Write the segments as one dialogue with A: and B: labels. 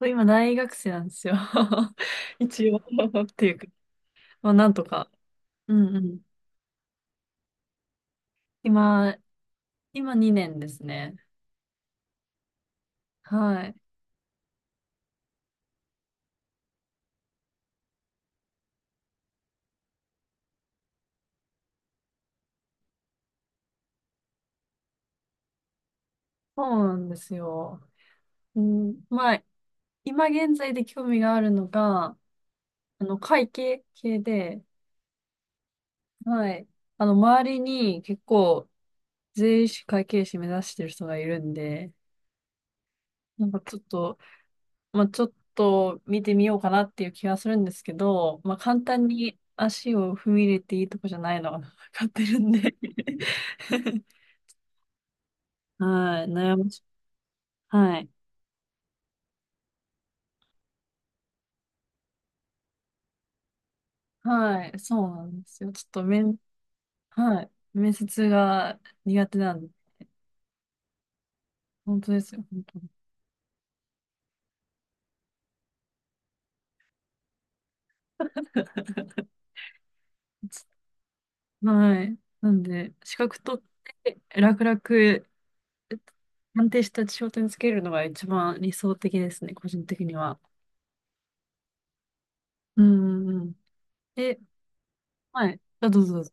A: そう今、大学生なんですよ。一応 っていうか、まあ、なんとか。うんうん。今、2年ですね。はい。そうなんですよ。うん、まあ、今現在で興味があるのが、会計系で、はい。周りに結構、税理士会計士目指してる人がいるんで、なんかちょっと、まあ、ちょっと見てみようかなっていう気がするんですけど、まあ、簡単に足を踏み入れていいとこじゃないのが 分かってるんで はい、悩ましい。はい。はい、そうなんですよ。ちょっとはい、面接が苦手なんで、本当ですよ、本当に。はい。なんで、資格取って楽々、安定した仕事につけるのが一番理想的ですね、個人的には。うんうんうん。えはい。あ、どうぞどうぞ。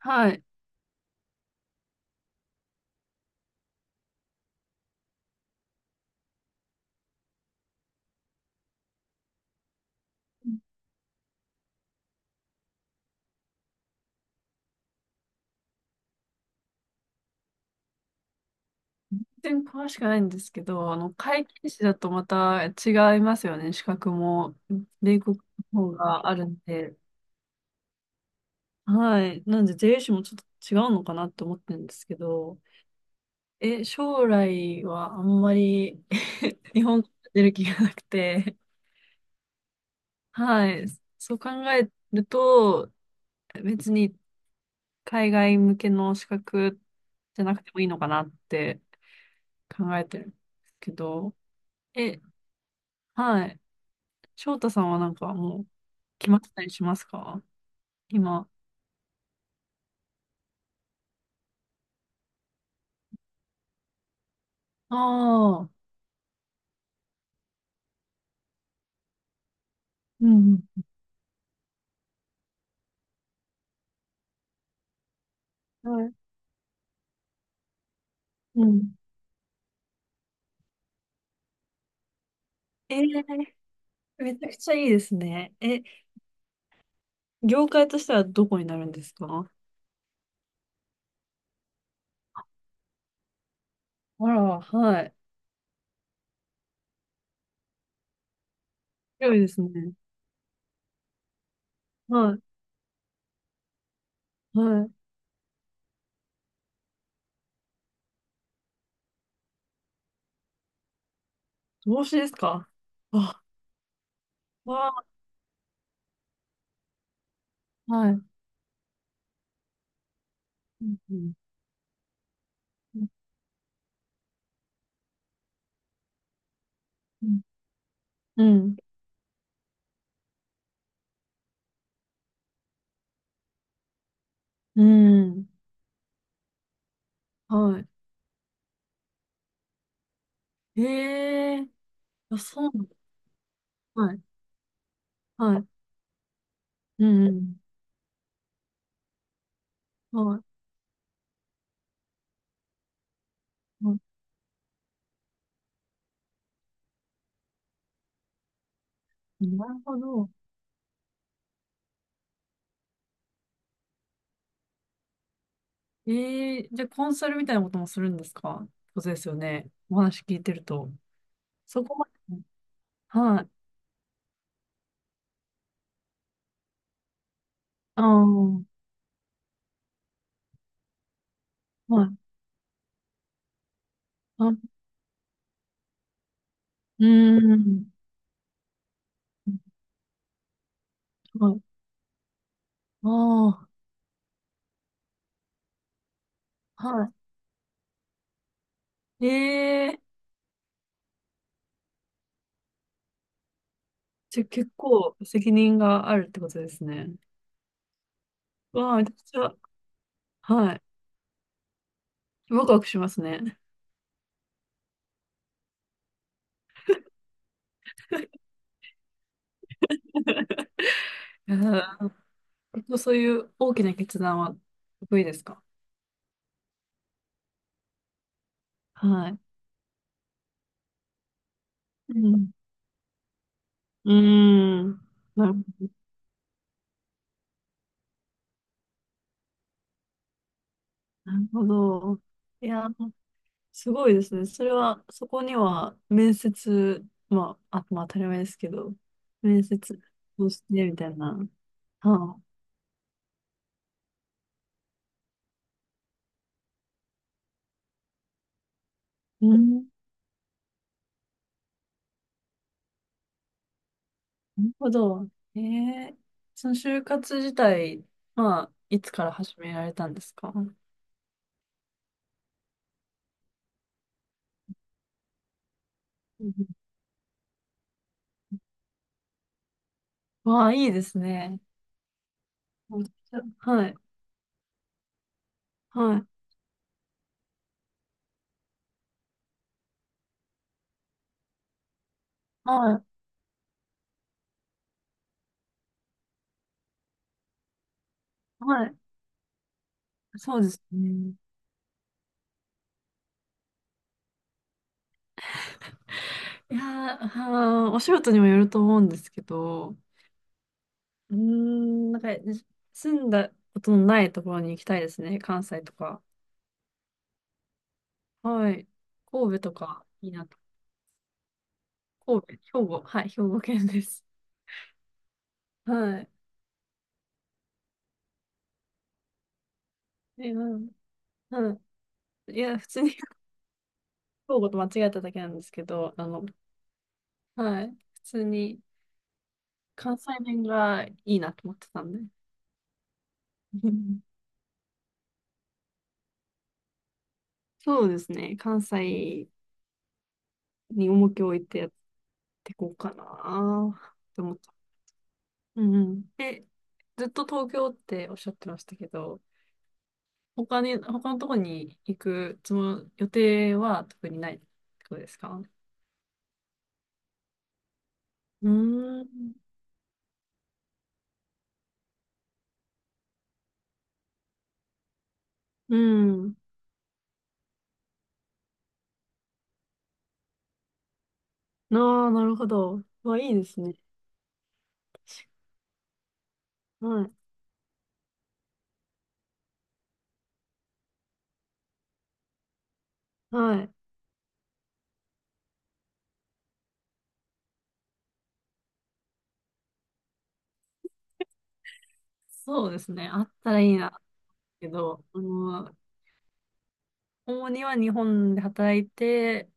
A: はい。全然詳しくないんですけど、会計士だとまた違いますよね。資格も、米国の方があるんで。はい。なんで、税理士もちょっと違うのかなって思ってるんですけど、将来はあんまり 日本から出る気がなくて、はい。そう考えると、別に海外向けの資格じゃなくてもいいのかなって考えてるんですけど、え、はい。翔太さんはなんかもう決まってたりしますか今？ああ、うんうん。うん。うん。えーめちゃくちゃいいですね。業界としてはどこになるんですか？あら、はい。広いですね。はい、はい。投資ですか？あ、わあ、はい。うん、うん、うん、うん、うんはい。ええ、あ、そうなのはい、はい。うん、うん、はい、はい。なるほど。ええ、じゃあコンサルみたいなこともするんですか？そうですよね。お話聞いてると。そこまで。はい。ああ、はい。あ、うーん。はい。ああ、はい。ええ、じゃあ結構責任があるってことですね。わあ、めちゃくちゃ、はい。ワクワクしますね。いやー、結構そういう大きな決断は得意ですか？はい。うん。うーん。なるなるほど。いやー、すごいですね。それは、そこには面接、まあ、あ、まあ当たり前ですけど、面接をしてみたいな。はあ、うん、なるほど。ええ、その就活自体、まあ、いつから始められたんですか？うんうん、わあ、いいですね。めっちゃはい、はい、はい、はい。そうですね。いやー、はー、お仕事にもよると思うんですけど、うーん、なんか、住んだことのないところに行きたいですね。関西とか。はい。神戸とか、いいなと。神戸、兵庫。はい、兵庫県です。はい。え、うん、うん。いや、普通に 兵庫と間違えただけなんですけど、はい。普通に関西弁がいいなと思ってたんで。うん、そうですね。関西に重きを置いてやっていこうかなって思った。うんうん。ずっと東京っておっしゃってましたけど、他に、他のとこに行くつも、予定は特にないってことですか？うーん。うん。ああ、なるほど。わ、いいですね。はい。はい。そうですね。あったらいいな。けど、主には日本で働いて、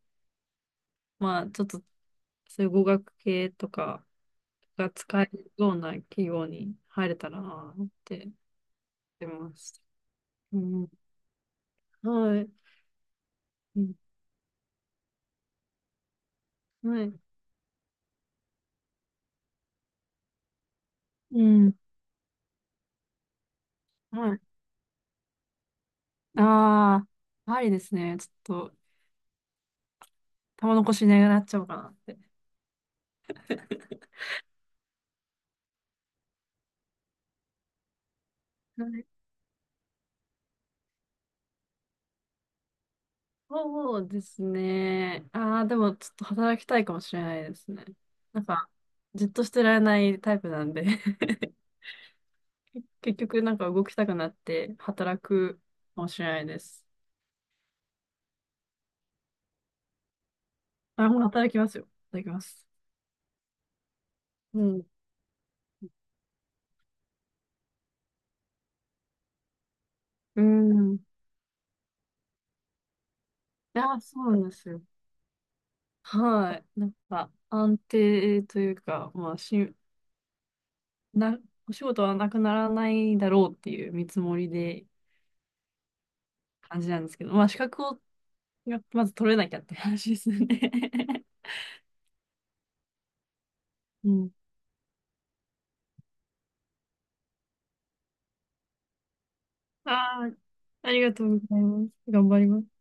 A: まあ、ちょっと、そういう語学系とかが使えるような企業に入れたらなって思ってます。うん。はい。うん。はい。うん。はい。ああ、ありですね。ちょっと、玉残しなくなっちゃおうかなって。はい、そうですね。ああ、でも、ちょっと働きたいかもしれないですね。なんか、じっとしてられないタイプなんで 結局、なんか動きたくなって働くかもしれないです。あ、もう働きますよ。働きます。うん。うん。いや、そうなんですよ。はい。なんか、安定というか、まあ、な、お仕事はなくならないだろうっていう見積もりで感じなんですけど、まあ、資格をまず取れなきゃって話ですね。うん。ああ、ありがとうございます。頑張ります。